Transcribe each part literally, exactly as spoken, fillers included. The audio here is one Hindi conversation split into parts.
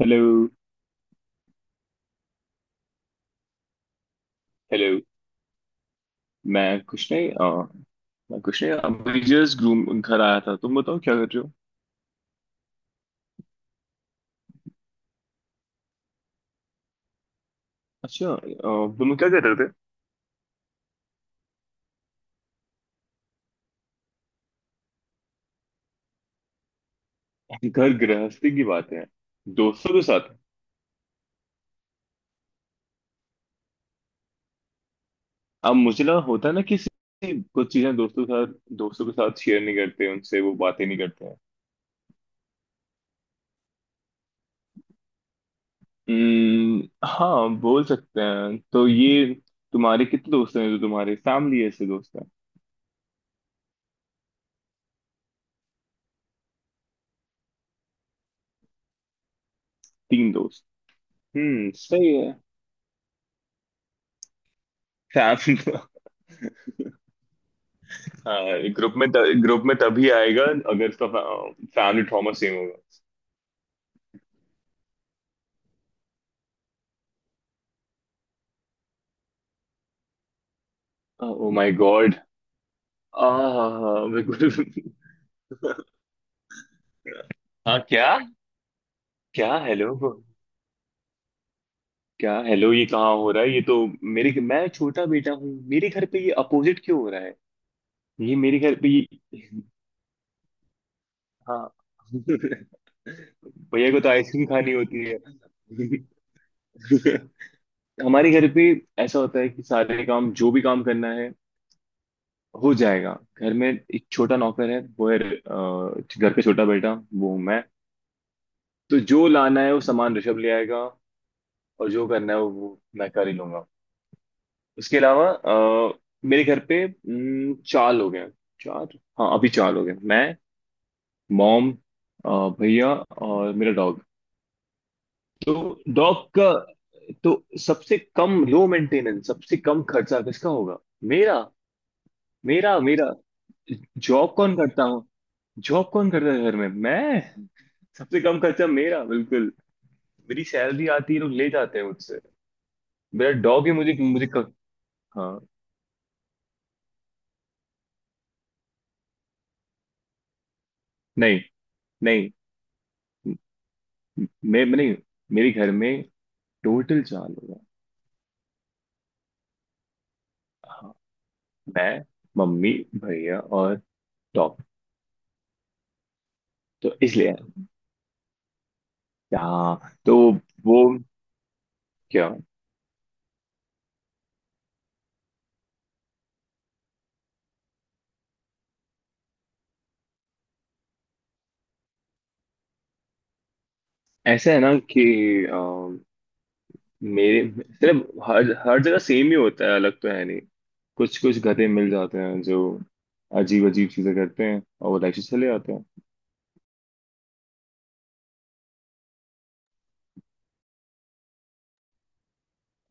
हेलो। हेलो। मैं कुछ नहीं अ, मैं कुछ नहीं अभी जस्ट घूम घर आया था। तुम बताओ क्या कर रहे हो? अच्छा। अ, तुम क्या कर रहे थे? घर गृहस्थी की बातें हैं। दोस्तों के साथ? अब मुझे लगा होता है ना, किसी कुछ चीजें दोस्तों के साथ दोस्तों के साथ शेयर नहीं करते, उनसे वो बातें नहीं करते हैं। हम्म, हाँ, बोल सकते हैं तो ये। तुम्हारे कितने दोस्त हैं जो तुम्हारे फैमिली ऐसे दोस्त हैं? तीन दोस्त। हम्म सही है। फैमिली हाँ। ग्रुप में त- ग्रुप में तभी आएगा अगर उसका फैमिली ट्रॉमा सेम होगा। Oh my god. आह, बिल्कुल। हाँ, क्या? क्या हेलो को? क्या हेलो, ये कहाँ हो रहा है? ये तो, मेरे मैं छोटा बेटा हूँ, मेरे घर पे ये अपोजिट क्यों हो रहा है? ये मेरे घर पे ये। हाँ। भैया को तो आइसक्रीम खानी होती है। हमारे घर पे ऐसा होता है कि सारे काम, जो भी काम करना है, हो जाएगा। घर में एक छोटा नौकर है, वो है, अ, घर पे छोटा बेटा वो हूं मैं। तो जो लाना है वो सामान ऋषभ ले आएगा, और जो करना है वो वो मैं कर ही लूंगा। उसके अलावा अ, मेरे घर पे हम्म, चार लोग हैं। चार, हाँ, अभी चार लोग हैं: मैं, मॉम, अ, भैया और मेरा डॉग। तो डॉग का, तो सबसे कम लो मेंटेनेंस, सबसे कम खर्चा किसका होगा? मेरा। मेरा, मेरा। जॉब कौन करता हूँ जॉब कौन करता है घर में? मैं। सबसे कम खर्चा मेरा, बिल्कुल। मेरी सैलरी आती है, लोग ले जाते हैं मुझसे। मेरा डॉग ही मुझे मुझे क... हाँ। नहीं, नहीं, मैं मैं नहीं, मेरे घर में टोटल चार लोग हैं। हाँ, मैं, मम्मी, भैया और डॉग। तो इसलिए। हाँ तो वो, क्या? ऐसा है ना कि अम, मेरे, सिर्फ हर हर जगह सेम ही होता है, अलग तो है नहीं। कुछ कुछ गधे मिल जाते हैं जो अजीब अजीब चीजें करते हैं और वो लाइफ से चले जाते हैं।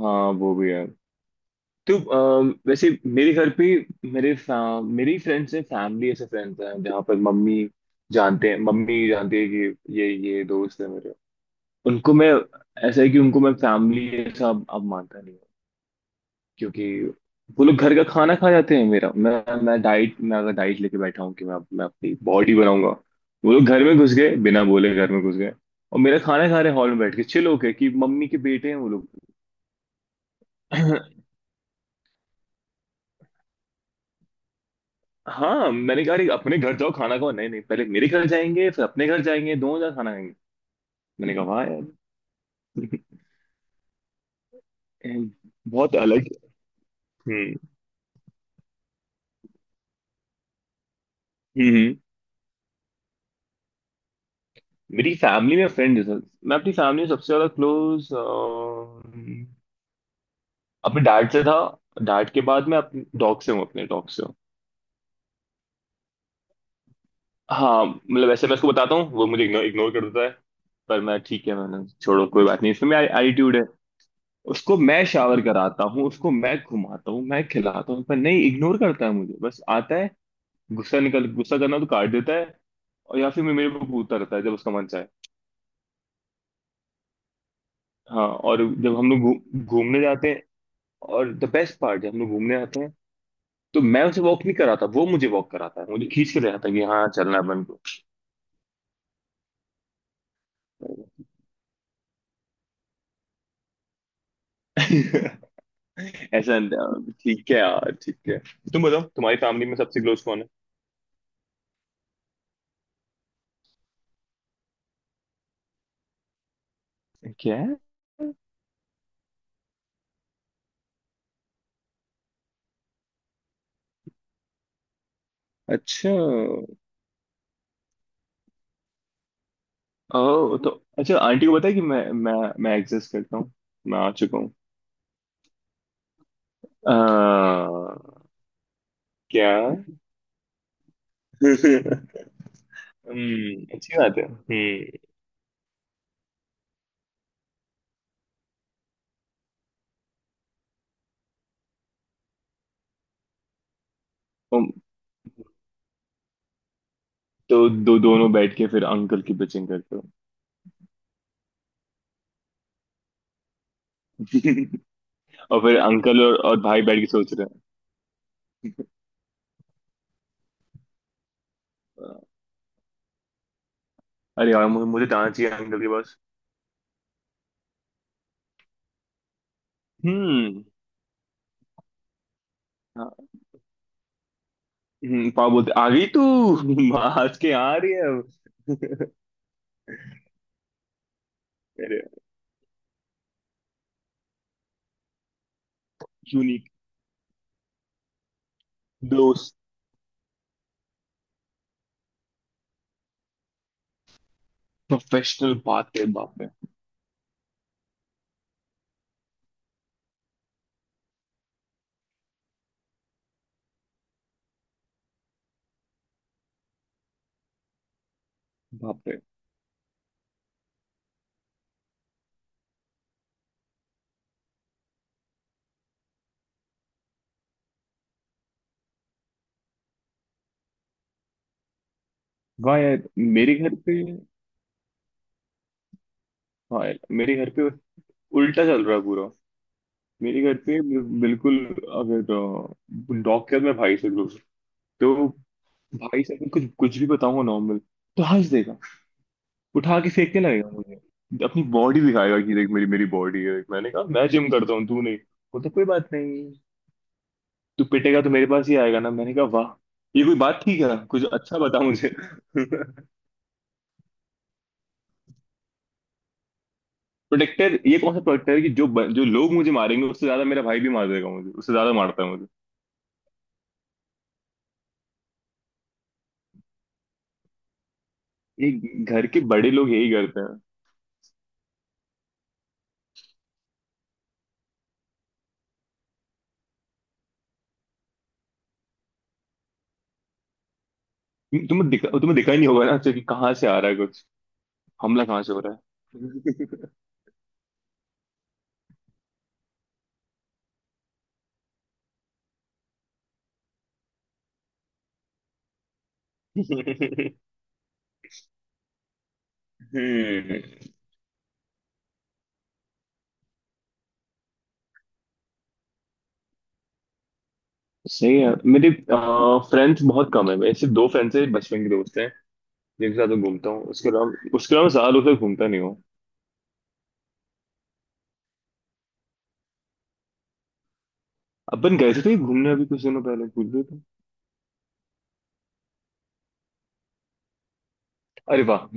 हाँ, वो भी है। तो अम, वैसे मेरे घर पे, मेरे फा, मेरी फ्रेंड्स हैं, फैमिली ऐसे फ्रेंड्स हैं जहाँ पर मम्मी जानते हैं मम्मी जानती है कि ये ये दोस्त है मेरे। उनको मैं ऐसा है कि उनको मैं फैमिली ऐसा अब, अब मानता नहीं हूँ, क्योंकि वो लोग घर का खाना खा जाते हैं। मेरा मैं मैं डाइट मैं अगर डाइट लेके बैठा हूँ कि मैं मैं अपनी बॉडी बनाऊंगा, वो लोग घर में घुस गए, बिना बोले घर में घुस गए, और मेरा खाना खा रहे, हॉल में बैठ के चिल होके, कि मम्मी के बेटे हैं वो लोग। हाँ, मैंने कहा, अरे अपने घर जाओ खाना खाओ, नहीं नहीं, पहले मेरे घर जाएंगे फिर अपने घर जाएंगे, दोनों जगह खाना खाएंगे। मैंने कहा, वाह यार। ए, बहुत अलग। हम्म, हम्म, हम्म। मेरी फैमिली में फ्रेंड है, सर। मैं अपनी फैमिली में सबसे ज्यादा क्लोज अपने डैड से था। डैड के बाद मैं अपने डॉग से हूँ, अपने डॉग से हूँ। हाँ, मतलब वैसे मैं उसको बताता हूँ, वो मुझे इग्नोर इग्नोर कर देता है। पर मैं, ठीक है, मैंने छोड़ो, कोई बात नहीं, इसमें मेरा एटीट्यूड है। उसको मैं शावर कराता हूँ, उसको मैं घुमाता हूँ, मैं खिलाता हूँ, पर नहीं, इग्नोर करता है मुझे, बस आता है गुस्सा, निकल गुस्सा करना, तो काट देता है। और या फिर मेरे को कूदता रहता है जब उसका मन चाहे। हाँ, और जब हम लोग घू- घूमने जाते हैं, और द बेस्ट पार्ट, जब हम लोग घूमने जाते हैं, तो मैं उसे वॉक नहीं कराता, वो मुझे वॉक कराता है, मुझे खींच के ले जाता है कि हाँ चलना है अपन को। ऐसा न- ठीक है यार, ठीक है। तुम बताओ, तुम्हारी फैमिली में सबसे क्लोज कौन है? क्या है? अच्छा, ओ तो, अच्छा, आंटी को पता है कि मैं मैं मैं एग्जिस्ट करता हूँ, मैं आ चुका हूँ। आ, क्या? हम्म अच्छी बात है। हम्म। तुम तो दो दोनों बैठ के फिर अंकल की पिचिंग करते हो। और फिर अंकल और, और भाई बैठ के सोच रहे हैं, अरे यार मुझे मुझे जाना चाहिए अंकल के पास। हम्म, हाँ, हम्म पापा बोलते, आ गई तू। हंस के आ रही है अब। अरे, यूनिक दोस्त, प्रोफेशनल बात है, बाप रे। बाप रे, वाह यार। मेरे घर पे, हाँ यार मेरे घर पे उल्टा चल रहा है पूरा। मेरे घर पे बिल्कुल। अगर डॉग के बाद मेरे भाई से दूर, तो भाई से अगर कुछ कुछ भी बताऊंगा नॉर्मल, तो हंस देगा, उठा के फेंकने लगेगा मुझे, अपनी बॉडी दिखाएगा कि देख मेरी मेरी बॉडी है, मैंने कहा मैं जिम करता हूँ तू नहीं, बोलता, कोई बात नहीं, तू पिटेगा तो मेरे पास ही आएगा ना, मैंने कहा वाह, ये कोई बात थी क्या, कुछ अच्छा बता मुझे। प्रोटेक्टर? ये कौन सा प्रोटेक्टर है कि जो ब- जो लोग मुझे मारेंगे उससे ज्यादा मेरा भाई भी मार देगा मुझे, उससे ज्यादा मारता है मुझे। ये घर के बड़े लोग यही करते हैं। तुम्हें दिखा तुम्हें दिखा ही नहीं होगा ना, अच्छा, कि कहाँ से आ रहा है कुछ, हमला कहाँ से हो रहा है। हम्म सही है। मेरे फ्रेंड्स बहुत कम है, मेरे सिर्फ दो फ्रेंड्स हैं, बचपन के दोस्त हैं, जिनके साथ मैं घूमता हूँ, उसके अलावा उसके अलावा ज्यादा लोग से घूमता नहीं हूँ। अपन गए थे तो घूमने अभी कुछ दिनों पहले, भूल गए थे। अरे वाह।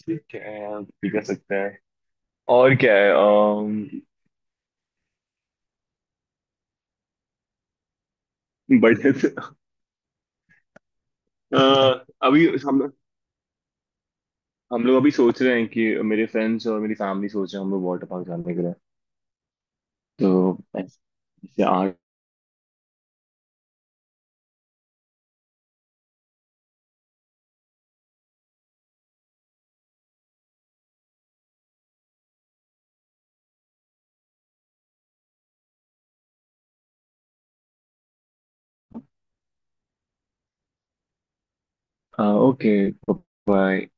ठीक है यार, ठीक कर सकते हैं। और क्या है? अम, बर्थडे से, अ, अभी हम लोग हम लोग अभी सोच रहे हैं कि मेरे फ्रेंड्स और मेरी फैमिली सोच रहे हैं हम लोग वाटर पार्क जाने के लिए, तो ऐसे आठ। ओके। बाय।